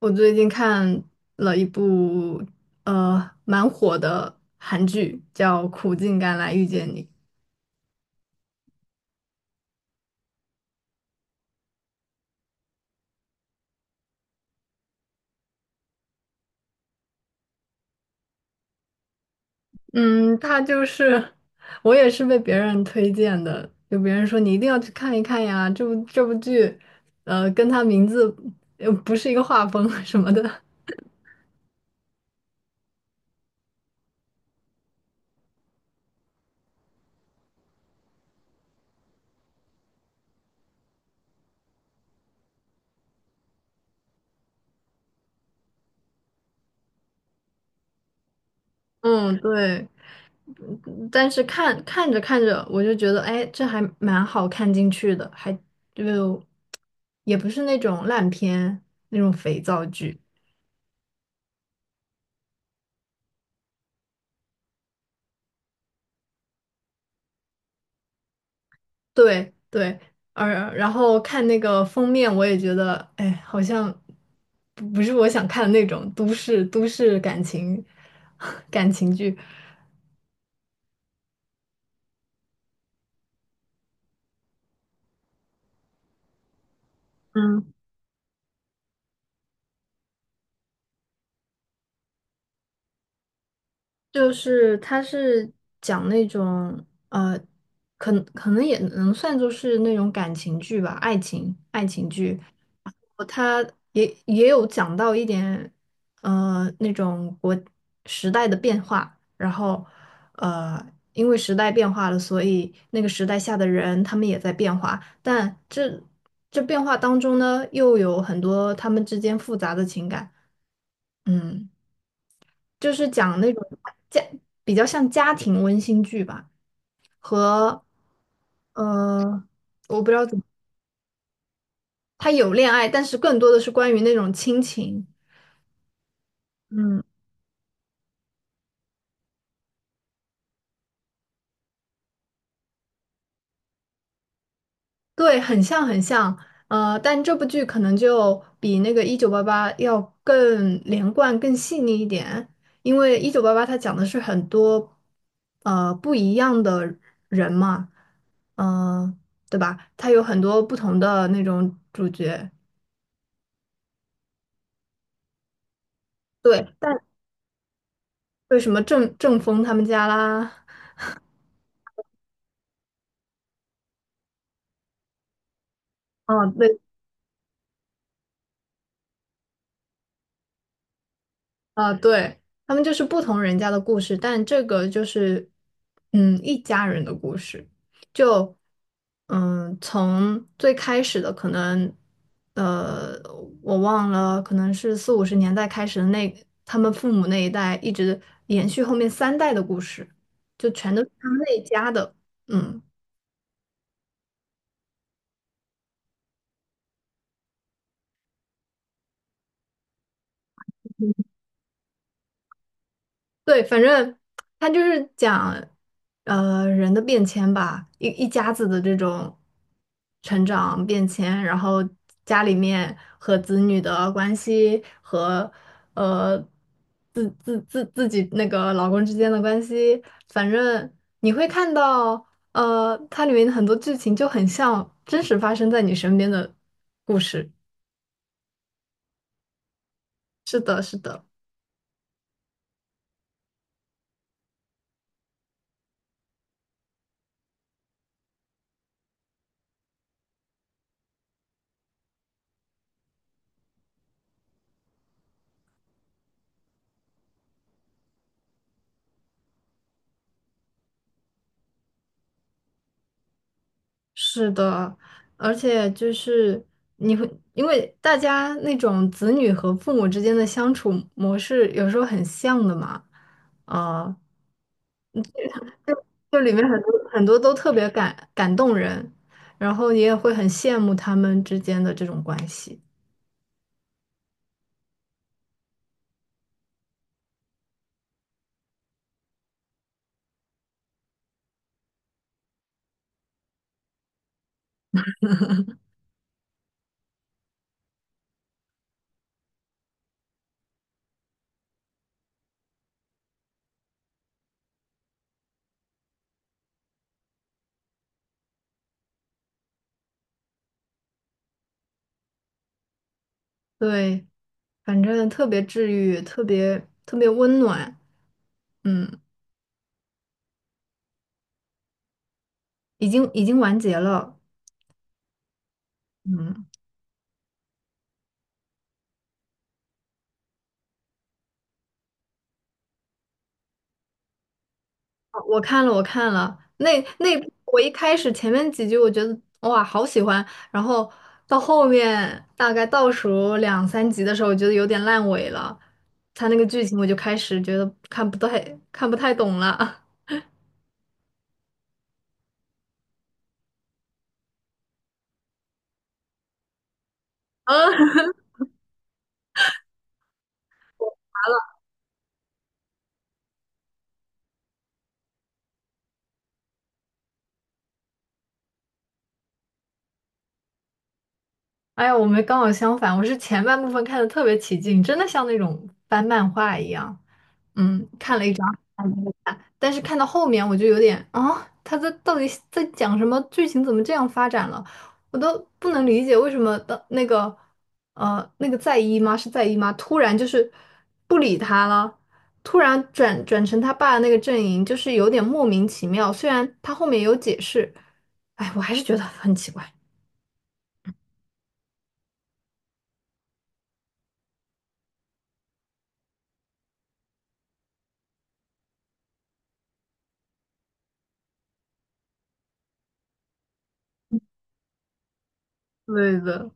我最近看了一部蛮火的韩剧，叫《苦尽甘来遇见你》。嗯，它就是我也是被别人推荐的，就别人说你一定要去看一看呀，这部剧，跟它名字又不是一个画风 什么的。嗯，对。但是看着看着，我就觉得，哎，这还蛮好看进去的，就也不是那种烂片那种肥皂剧。对对，而然后看那个封面，我也觉得，哎，好像不是我想看的那种都市感情 感情剧。嗯。就是他是讲那种呃，可能也能算作是那种感情剧吧，爱情剧。他也有讲到一点那种时代的变化，然后呃因为时代变化了，所以那个时代下的人他们也在变化，但这变化当中呢，又有很多他们之间复杂的情感，嗯。就是讲那种家比较像家庭温馨剧吧，和呃，我不知道怎么，它有恋爱，但是更多的是关于那种亲情。嗯，对，很像很像，但这部剧可能就比那个《一九八八》要更连贯、更细腻一点，因为《一九八八》它讲的是很多不一样的人嘛，嗯、对吧？它有很多不同的那种主角。对，但。为什么郑峰他们家啦，啊对啊对，他们就是不同人家的故事，但这个就是一家人的故事，就从最开始的可能呃我忘了，可能是四五十年代开始的那他们父母那一代，一直延续后面三代的故事，就全都是他们那一家的，嗯。对，反正他就是讲，人的变迁吧，一家子的这种成长变迁，然后家里面和子女的关系和呃自己那个老公之间的关系，反正你会看到，它里面很多剧情就很像真实发生在你身边的故事。是的，是的。是的，而且就是你会，因为大家那种子女和父母之间的相处模式有时候很像的嘛，啊、就就里面很多很多都特别感动人，然后你也会很羡慕他们之间的这种关系，对，反正特别治愈，特别特别温暖，嗯，已经完结了，嗯。我看了，我看了那部我一开始前面几集我觉得哇好喜欢，然后到后面大概倒数两三集的时候，我觉得有点烂尾了，他那个剧情我就开始觉得看不太懂了。啊，哎呀，我们刚好相反，我是前半部分看的特别起劲，真的像那种翻漫画一样，嗯，看了一但是看到后面我就有点啊，他到底在讲什么？剧情怎么这样发展了？我都不能理解为什么的那个那个在姨妈，突然就是不理他了，突然转成他爸的那个阵营，就是有点莫名其妙。虽然他后面有解释，哎，我还是觉得很奇怪。对的，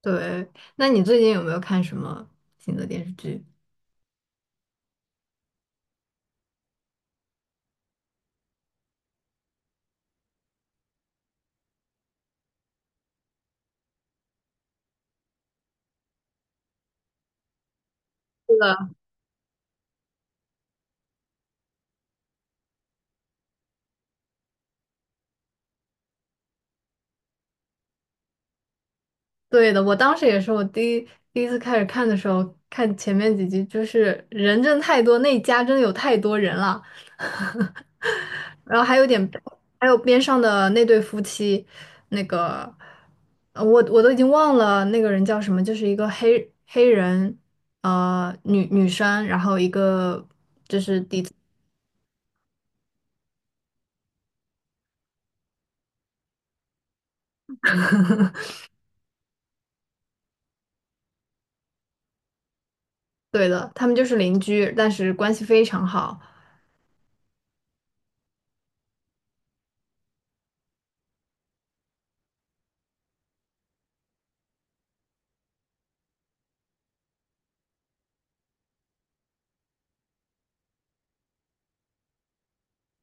对。那你最近有没有看什么新的电视剧？对的，我当时也是，我第一次开始看的时候，看前面几集，就是人真的太多，那一家真的有太多人了，然后还有点，还有边上的那对夫妻，那个，我都已经忘了那个人叫什么，就是一个黑人，女生，然后一个，对的，他们就是邻居，但是关系非常好。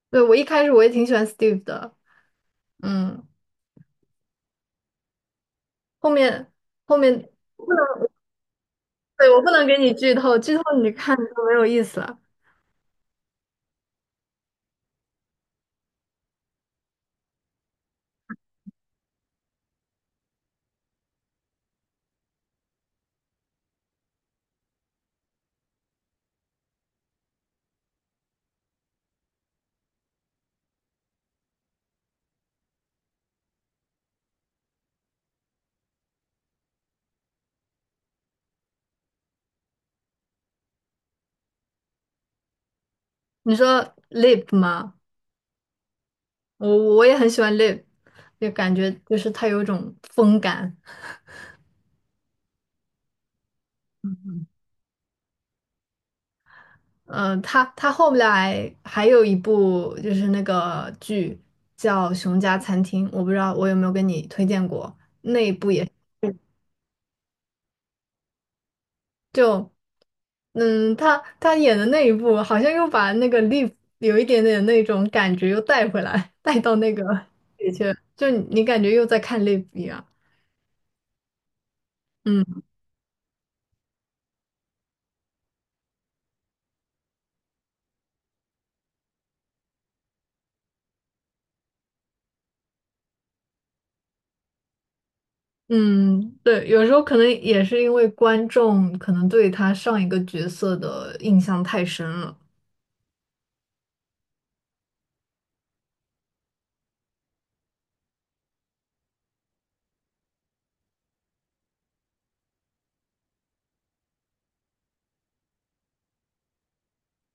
对，我一开始我也挺喜欢 Steve 的，嗯，后面后面。对，我不能给你剧透，剧透你看就没有意思了。你说 Lip 吗？我也很喜欢 Lip，就感觉就是他有一种风感。他后来还有一部就是那个剧叫《熊家餐厅》，我不知道我有没有跟你推荐过，那一部也就，他演的那一部好像又把那个 l i v e 有一点点那种感觉又带回来，带到那个里去，就你感觉又在看 l i v e 一样。嗯。嗯，对，有时候可能也是因为观众可能对他上一个角色的印象太深了，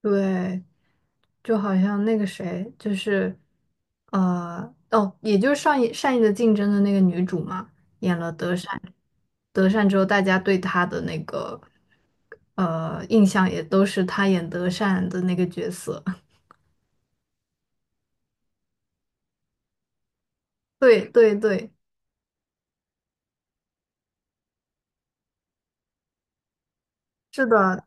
对，就好像那个谁，就是，哦，也就是上一《善意的竞争》的那个女主嘛，演了德善，德善之后，大家对她的那个印象也都是她演德善的那个角色。对对对，是的，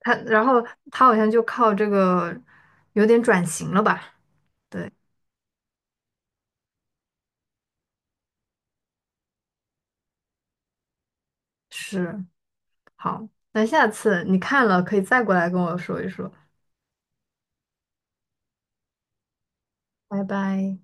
然后她好像就靠这个有点转型了吧。对。是，好，那下次你看了可以再过来跟我说一说，拜拜。